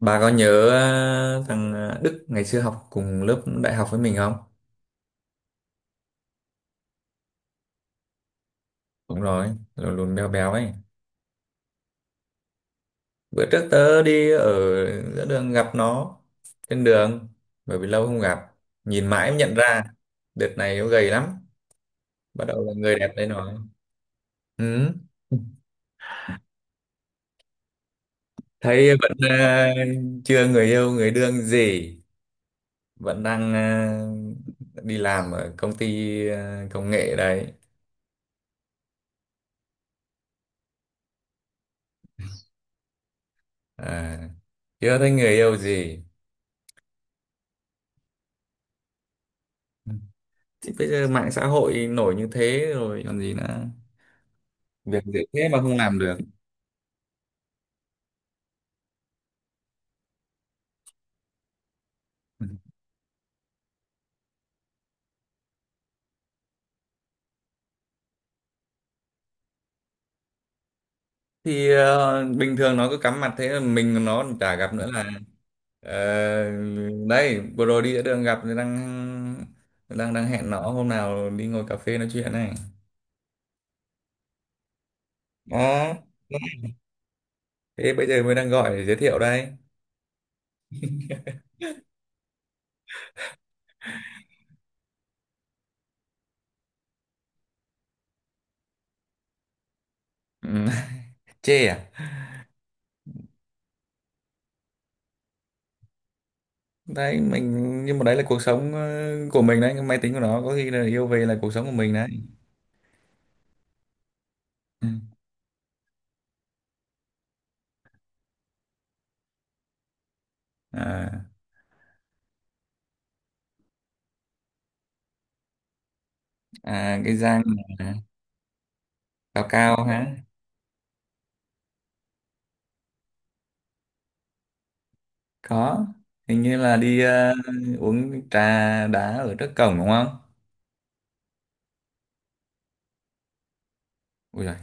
Bà có nhớ thằng Đức ngày xưa học cùng lớp đại học với mình không? Đúng rồi, lùn lùn béo béo ấy. Bữa trước tớ đi ở giữa đường gặp nó trên đường, bởi vì lâu không gặp, nhìn mãi mới nhận ra. Đợt này nó gầy lắm, bắt đầu là người đẹp đấy rồi. Ừ, thấy vẫn chưa người yêu người đương gì, vẫn đang ờ, đi làm ở công ty công nghệ đấy. À, chưa thấy người yêu gì. Thì bây giờ mạng xã hội nổi như thế rồi còn gì nữa, việc dễ thế mà không làm được. Thì bình thường nó cứ cắm mặt thế là mình nó chả gặp nữa là. ờ, Đây vừa rồi đi giữa đường gặp thì đang đang đang hẹn nó hôm nào đi ngồi cà phê nói chuyện này đó. Thế bây giờ mới đang gọi để giới thiệu đây. Ừ. Chê à? Đấy mình, nhưng mà đấy là cuộc sống của mình đấy, cái máy tính của nó có khi là yêu, về là cuộc sống của mình đấy. Ừ. À, à cái Giang là cao cao hả? Có, hình như là đi uống trà đá ở trước cổng đúng không? Ui giời.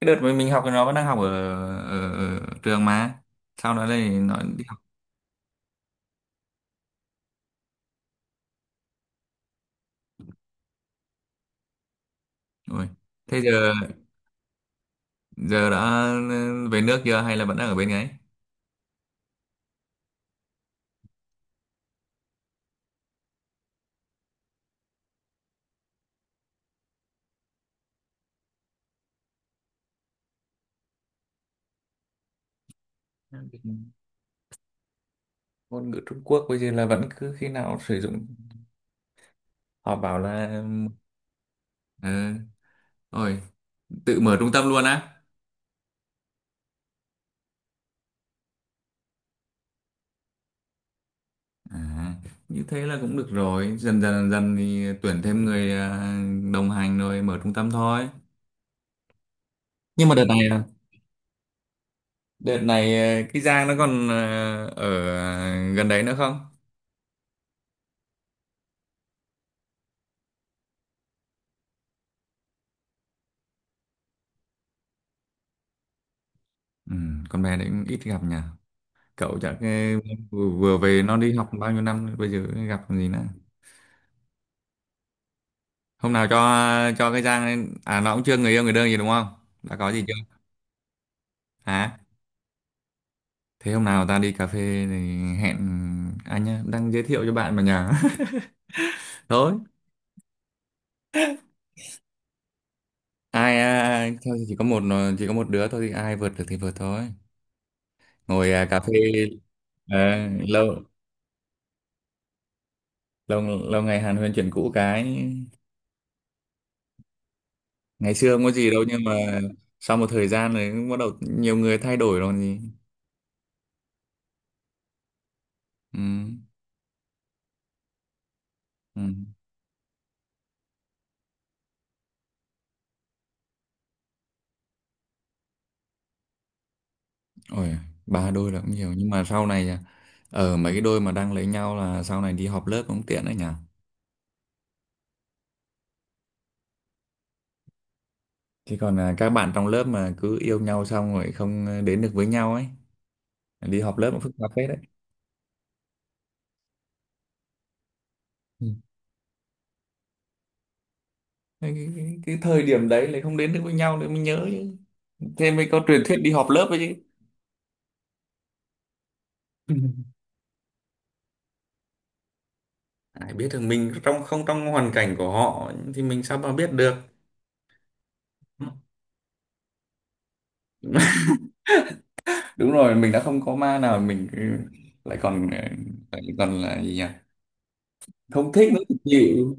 Cái đợt mà mình học thì nó vẫn đang học ở, ở trường mà, sau đó thì nó đi học rồi. Thế giờ giờ đã về nước chưa hay là vẫn đang ở bên ấy? Ngôn ngữ Trung Quốc bây giờ là vẫn cứ khi nào sử dụng, họ bảo là ờ, rồi tự mở trung tâm luôn á? À, như thế là cũng được rồi, dần dần dần dần thì tuyển thêm người, đồng hành rồi mở trung tâm thôi. Nhưng mà đợt này, đợt này cái Giang nó còn ở gần đấy nữa không? Ừ, con bé đấy cũng ít gặp nhỉ. Cậu chắc vừa vừa về, nó đi học bao nhiêu năm bây giờ gặp còn gì nữa. Hôm nào cho cái Giang lên- à nó cũng chưa người yêu người đương gì đúng không? Đã có gì chưa? Hả? Thế hôm nào ta đi cà phê thì hẹn anh nhá, đang giới thiệu cho bạn mà nhỉ. Thôi, ai à, thôi thì chỉ có một chỉ có một đứa thôi thì ai vượt được thì vượt thôi. Ngồi à, cà phê. ờ, Lâu lâu lâu ngày Hàn Huyền chuyển cũ cái, ngày xưa không có gì đâu nhưng mà sau một thời gian rồi cũng bắt đầu nhiều người thay đổi rồi còn gì. Ừ, ừ. Ôi, ba đôi là cũng nhiều, nhưng mà sau này à, ở mấy cái đôi mà đang lấy nhau là sau này đi họp lớp cũng tiện đấy nhỉ. Chứ còn là các bạn trong lớp mà cứ yêu nhau xong rồi không đến được với nhau ấy, đi họp lớp cũng phức tạp phết đấy. Ừ. cái thời điểm đấy lại không đến được với nhau thì mình nhớ chứ. Thế mới có truyền thuyết đi họp lớp ấy chứ. Ai biết được, mình trong không trong hoàn cảnh của họ thì mình sao mà biết được. Đúng rồi, mình đã không có ma nào, mình ừ, lại còn là gì nhỉ, không thích nữa thì chịu.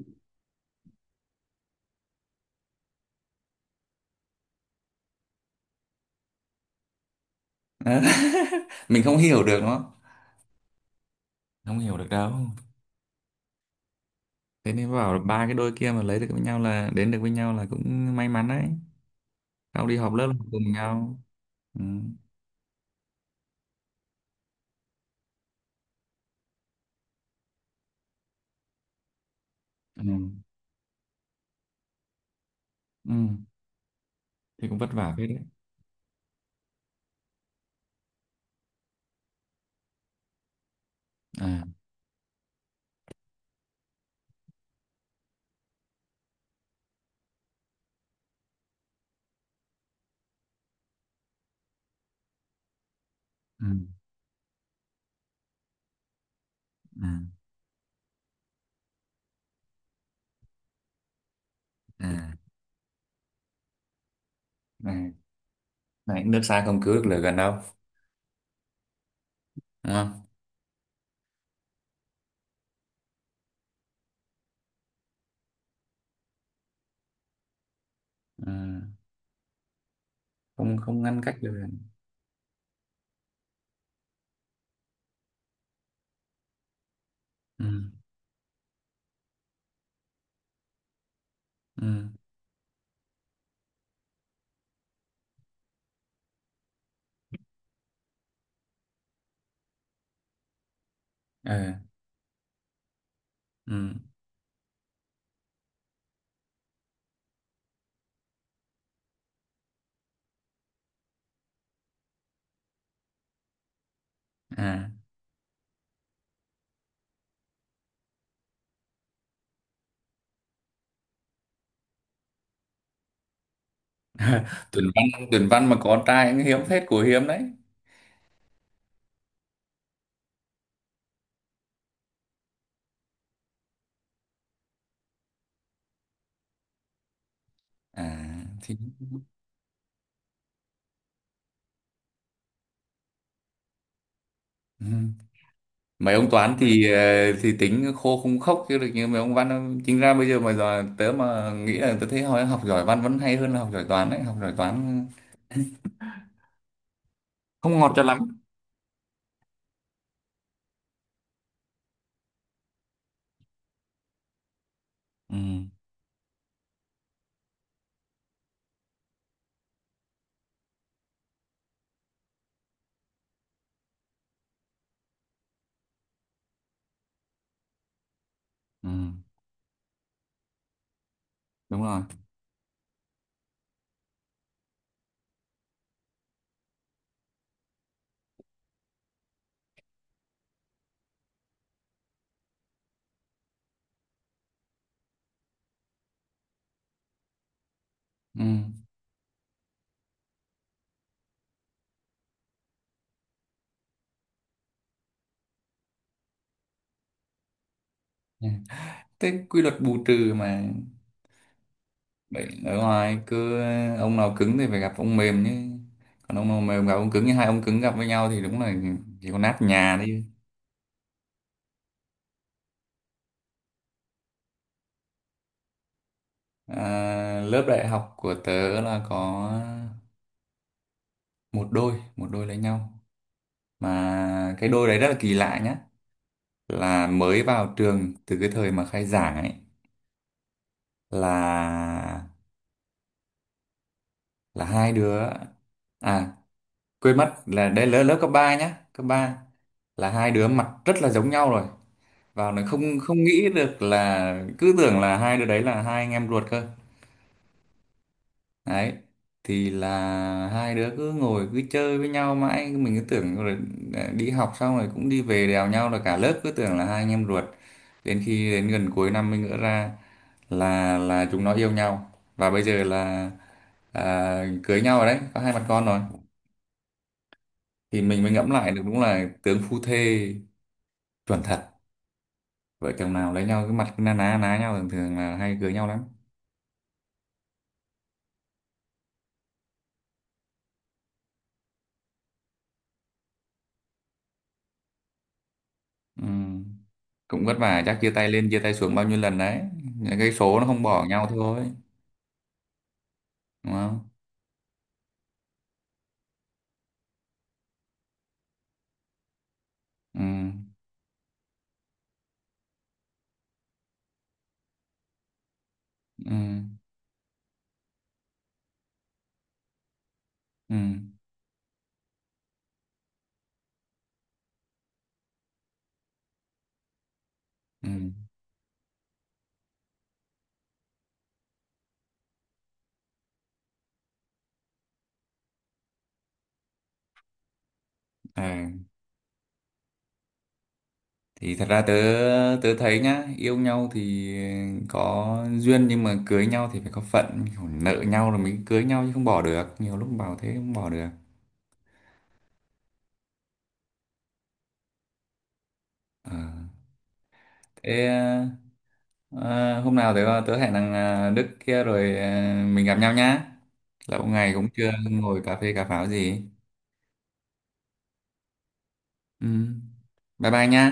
Đó. Mình không hiểu được nó, không hiểu được đâu. Thế nên bảo là ba cái đôi kia mà lấy được với nhau là đến được với nhau là cũng may mắn đấy, sau đi họp lớp là học cùng nhau. Ừ. Ừ. Ừ. Thì cũng vất vả phết đấy. À. Ừ. À. À này, này nước xa không cứu được lửa gần đâu, đúng không? Ừ. Không không ngăn cách được. Ừ. Ừ. Ờ. Ừ. À, tuyển văn mà có trai cũng hiếm phết, của hiếm đấy. À thì. Ừ. Mấy ông toán thì thì tính khô không khóc chứ được như mấy ông văn đâu. Chính ra bây giờ mà giờ tớ mà nghĩ là tớ thấy hồi học giỏi văn vẫn hay hơn là học giỏi toán đấy, học giỏi toán không ngọt cho lắm. Ừ. Ừ. Đúng rồi. Ừ. Thế quy luật bù trừ mà. Bệnh ở ngoài cứ, ông nào cứng thì phải gặp ông mềm chứ, còn ông nào mềm gặp ông cứng, hai ông cứng gặp với nhau thì đúng là chỉ có nát nhà đi. À, lớp đại học của tớ là có một đôi, lấy nhau. Mà cái đôi đấy rất là kỳ lạ nhá, là mới vào trường từ cái thời mà khai giảng ấy, là là hai đứa, à quên mất là đấy lớp lớp cấp 3 nhá, cấp ba, là hai đứa mặt rất là giống nhau rồi, vào nó không không nghĩ được là cứ tưởng là hai đứa đấy là hai anh em ruột cơ. Đấy, thì là hai đứa cứ ngồi cứ chơi với nhau mãi, mình cứ tưởng rồi à, đi học xong rồi cũng đi về đèo nhau, là cả lớp cứ tưởng là hai anh em ruột. Đến khi đến gần cuối năm mới ngỡ ra là chúng nó yêu nhau. Và bây giờ là à, cưới nhau rồi đấy, có hai mặt con rồi. Thì mình mới ngẫm lại được đúng là tướng phu thê, chuẩn thật. Vợ chồng nào lấy nhau cái mặt cứ na ná ná nhau thường thường là hay cưới nhau lắm. Ừ. Cũng vất vả, chắc chia tay lên chia tay xuống bao nhiêu lần đấy, những cái số nó không bỏ nhau thôi, đúng không? Ừ. Ừ. Ừ. Ừ. À. Thì thật ra tớ tớ thấy nhá, yêu nhau thì có duyên nhưng mà cưới nhau thì phải có phận. Kiểu nợ nhau rồi mới cưới nhau chứ, không bỏ được, nhiều lúc bảo thế không bỏ được. Ờ. Thế à, hôm nào tớ tớ hẹn thằng à, Đức kia rồi à, mình gặp nhau nhá. Lâu ngày cũng chưa ngồi cà phê cà pháo gì. Ừ. Bye bye nhá.